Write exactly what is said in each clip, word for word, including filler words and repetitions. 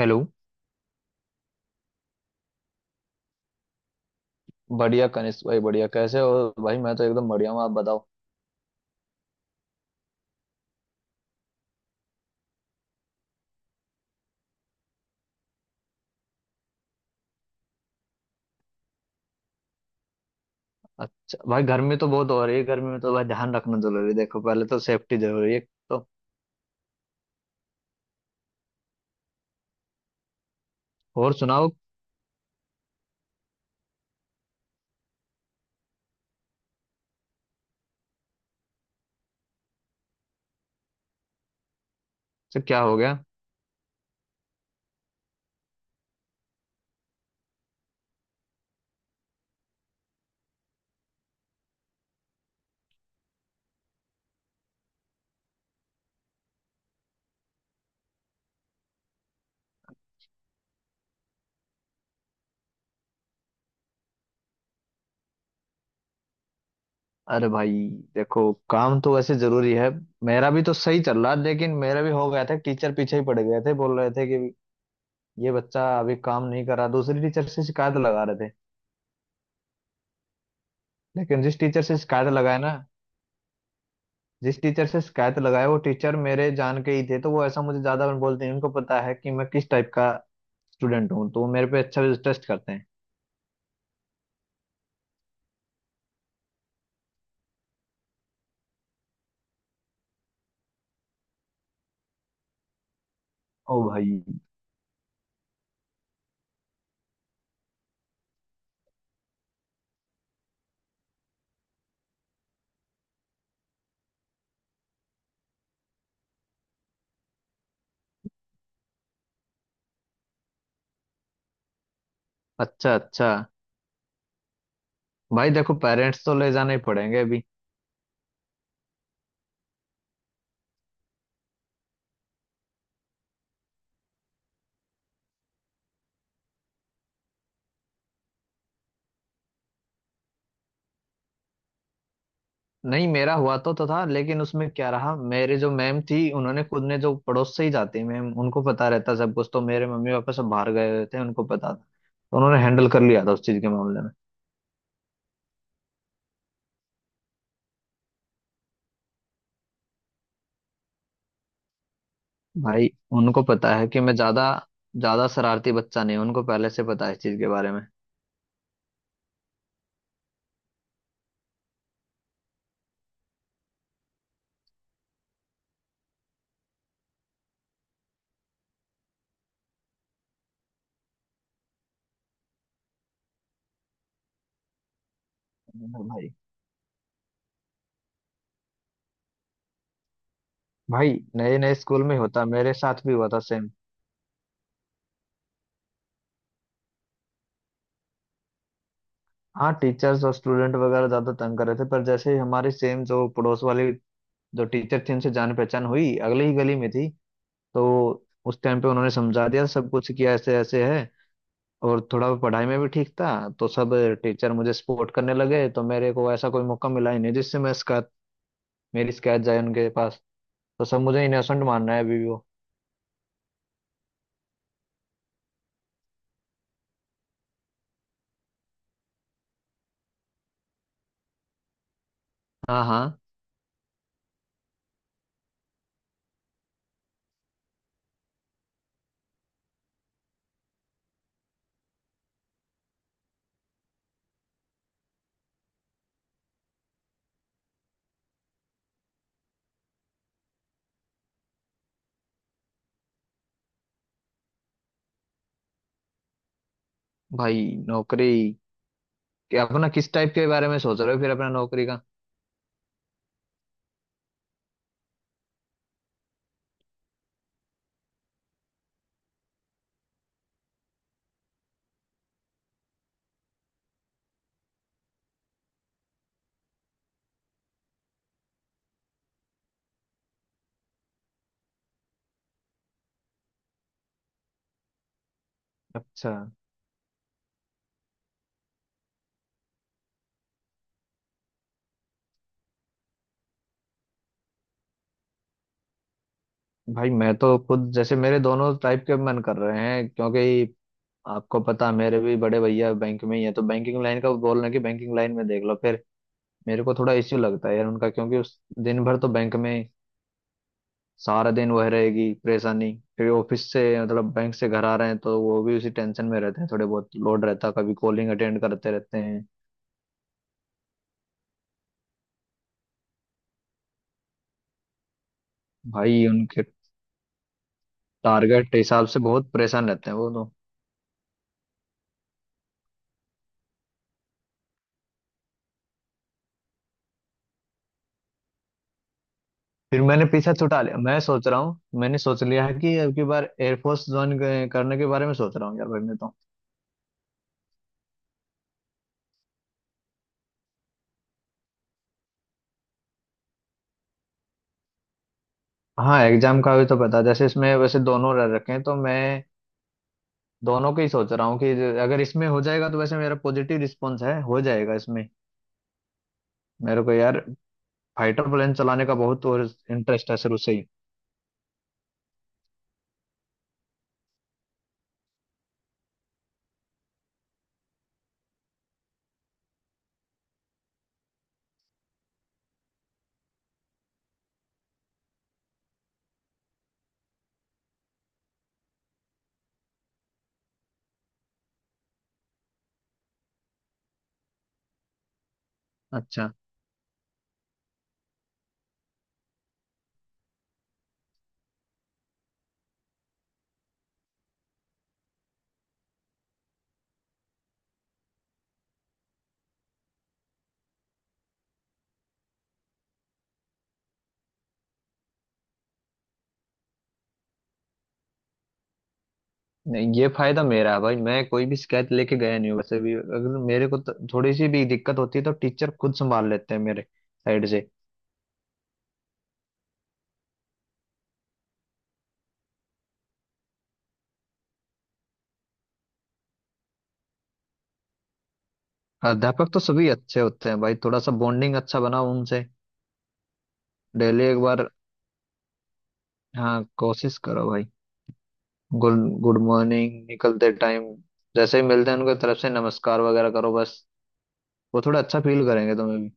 Hello. बढ़िया कनिष्क भाई, बढ़िया। कैसे हो भाई? मैं तो एकदम बढ़िया हूँ। आप बताओ। अच्छा भाई, गर्मी तो बहुत हो रही है। गर्मी में तो भाई ध्यान रखना जरूरी है। देखो, पहले तो सेफ्टी जरूरी है, तो और सुनाओ। तो क्या हो गया? अरे भाई, देखो काम तो वैसे जरूरी है। मेरा भी तो सही चल रहा है, लेकिन मेरा भी हो गया था। टीचर पीछे ही पड़ गए थे, बोल रहे थे कि ये बच्चा अभी काम नहीं कर रहा, दूसरी टीचर से शिकायत लगा रहे थे। लेकिन जिस टीचर से शिकायत लगाए ना, जिस टीचर से शिकायत लगाए वो टीचर मेरे जान के ही थे, तो वो ऐसा मुझे ज्यादा बोलते हैं। उनको पता है कि मैं किस टाइप का स्टूडेंट हूँ, तो वो मेरे पे अच्छा टेस्ट करते हैं। ओ भाई। अच्छा, अच्छा। भाई देखो, पेरेंट्स तो ले जाने ही पड़ेंगे अभी। नहीं, मेरा हुआ तो तो था, लेकिन उसमें क्या रहा, मेरे जो मैम थी उन्होंने खुद ने, जो पड़ोस से ही जाती मैम, उनको पता रहता सब कुछ। तो मेरे मम्मी पापा सब बाहर गए हुए थे, उनको पता था, तो उन्होंने हैंडल कर लिया था उस चीज के मामले में। भाई, उनको पता है कि मैं ज्यादा ज्यादा शरारती बच्चा नहीं हूं, उनको पहले से पता है इस चीज के बारे में। भाई, भाई नए नए स्कूल में होता, मेरे साथ भी हुआ था सेम। हाँ, टीचर्स और स्टूडेंट वगैरह ज्यादा तंग कर रहे थे, पर जैसे ही हमारी सेम जो पड़ोस वाली जो टीचर थी उनसे जान पहचान हुई, अगली ही गली में थी। तो उस टाइम पे उन्होंने समझा दिया, सब कुछ किया, ऐसे ऐसे है। और थोड़ा पढ़ाई में भी ठीक था, तो सब टीचर मुझे सपोर्ट करने लगे, तो मेरे को ऐसा कोई मौका मिला ही नहीं जिससे मैं शिकायत, मेरी शिकायत जाए उनके पास। तो सब मुझे इनोसेंट मान रहा है अभी भी वो। हाँ, हाँ। भाई, नौकरी कि अपना किस टाइप के बारे में सोच रहे हो? फिर अपना नौकरी का? अच्छा। भाई मैं तो खुद, जैसे मेरे दोनों टाइप के मन कर रहे हैं क्योंकि आपको पता मेरे भी बड़े भैया बैंक में ही है। तो बैंकिंग लाइन का बोल रहे हैं कि बैंकिंग लाइन में देख लो फिर। मेरे को थोड़ा इश्यू लगता है यार उनका, क्योंकि उस दिन भर तो बैंक में सारा दिन वह रहेगी परेशानी। फिर ऑफिस से, मतलब बैंक से घर आ रहे हैं, तो वो भी उसी टेंशन में रहते हैं, थोड़े बहुत लोड रहता है, कभी कॉलिंग अटेंड करते रहते हैं। भाई उनके टारगेट के हिसाब से बहुत परेशान रहते हैं वो तो। फिर मैंने पीछा छुटा लिया। मैं सोच रहा हूँ, मैंने सोच लिया है कि अब की बार एयरफोर्स ज्वाइन करने के बारे में सोच रहा हूँ यार भाई मैं तो। हाँ, एग्जाम का भी तो पता, जैसे इसमें वैसे दोनों रह रखे हैं, तो मैं दोनों के ही सोच रहा हूँ कि अगर इसमें हो जाएगा, तो वैसे मेरा पॉजिटिव रिस्पॉन्स है, हो जाएगा इसमें। मेरे को यार फाइटर प्लेन चलाने का बहुत और इंटरेस्ट है शुरू से ही। अच्छा। नहीं, ये फायदा मेरा है भाई, मैं कोई भी शिकायत लेके गया नहीं हूँ। वैसे भी अगर मेरे को तो थोड़ी सी भी दिक्कत होती है, तो टीचर खुद संभाल लेते हैं मेरे साइड से। हाँ, अध्यापक तो सभी अच्छे होते हैं भाई, थोड़ा सा बॉन्डिंग अच्छा बनाओ उनसे। डेली एक बार, हाँ कोशिश करो भाई। गुड। गुड मॉर्निंग निकलते टाइम, जैसे ही मिलते हैं उनके तरफ से नमस्कार वगैरह करो बस, वो थोड़ा अच्छा फील करेंगे तुम्हें भी।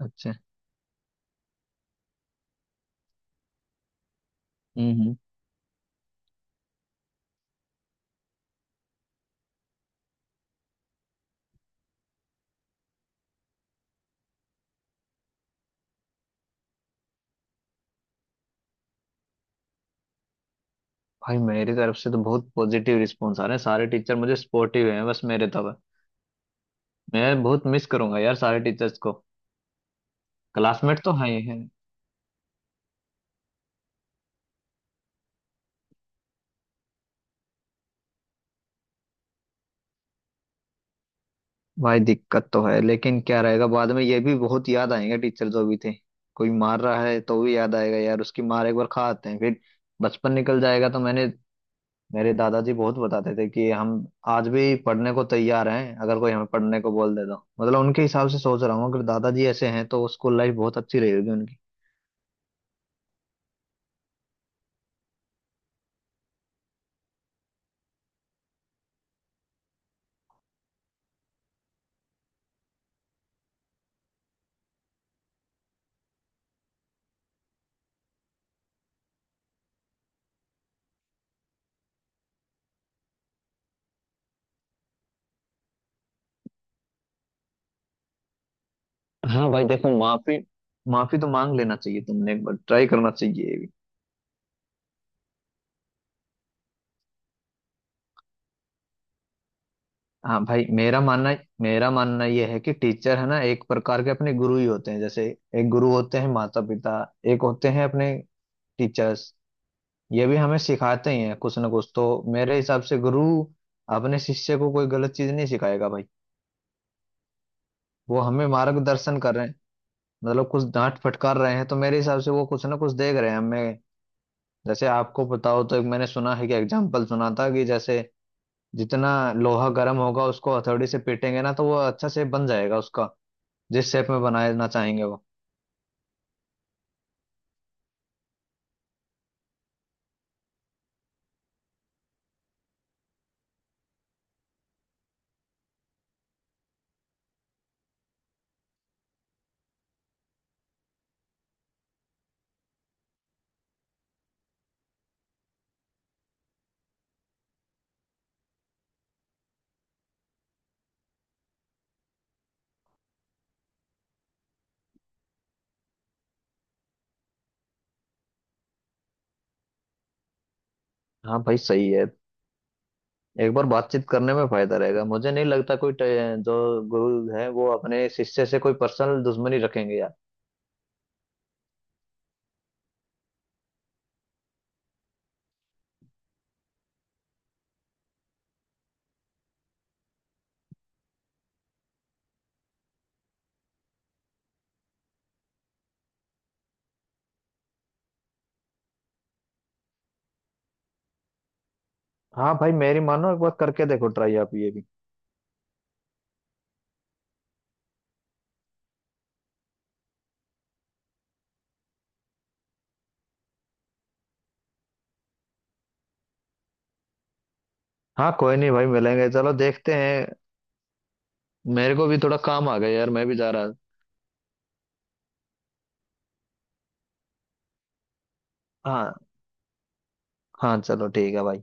अच्छे। हम्म, हम्म। भाई, मेरी तरफ से तो बहुत पॉजिटिव रिस्पॉन्स आ रहे हैं, सारे टीचर मुझे सपोर्टिव हैं। बस मेरे तब, मैं बहुत मिस करूंगा यार सारे टीचर्स को। क्लासमेट तो हैं ही हैं। भाई दिक्कत तो है, लेकिन क्या रहेगा? बाद में ये भी बहुत याद आएंगे टीचर जो भी थे। कोई मार रहा है तो भी याद आएगा यार उसकी मार, एक बार खा आते हैं फिर, बचपन निकल जाएगा तो। मैंने, मेरे दादाजी बहुत बताते थे कि हम आज भी पढ़ने को तैयार हैं अगर कोई हमें पढ़ने को बोल दे तो। मतलब उनके हिसाब से सोच रहा हूँ, अगर दादाजी ऐसे हैं तो स्कूल लाइफ बहुत अच्छी रही होगी उनकी। हाँ भाई देखो, माफी, माफी तो मांग लेना चाहिए, तुमने एक बार ट्राई करना चाहिए ये भी। हाँ भाई, मेरा मानना मेरा मानना यह है कि टीचर है ना, एक प्रकार के अपने गुरु ही होते हैं। जैसे एक गुरु होते हैं माता पिता, एक होते हैं अपने टीचर्स। ये भी हमें सिखाते ही हैं कुछ ना कुछ तो। मेरे हिसाब से गुरु अपने शिष्य को कोई गलत चीज नहीं सिखाएगा भाई। वो हमें मार्गदर्शन कर रहे हैं, मतलब कुछ डांट फटकार रहे हैं तो मेरे हिसाब से वो कुछ ना कुछ देख रहे हैं हमें। जैसे आपको पता हो, तो एक मैंने सुना है कि एग्जाम्पल सुना था कि जैसे जितना लोहा गर्म होगा उसको हथौड़ी से पीटेंगे ना, तो वो अच्छा से बन जाएगा, उसका जिस शेप में बनाना चाहेंगे वो। हाँ भाई सही है, एक बार बातचीत करने में फायदा रहेगा। मुझे नहीं लगता कोई टे- जो गुरु है वो अपने शिष्य से कोई पर्सनल दुश्मनी रखेंगे यार। हाँ भाई, मेरी मानो एक बार करके देखो ट्राई आप ये भी। हाँ कोई नहीं भाई, मिलेंगे, चलो देखते हैं। मेरे को भी थोड़ा काम आ गया यार, मैं भी जा रहा। हाँ, हाँ चलो ठीक है भाई।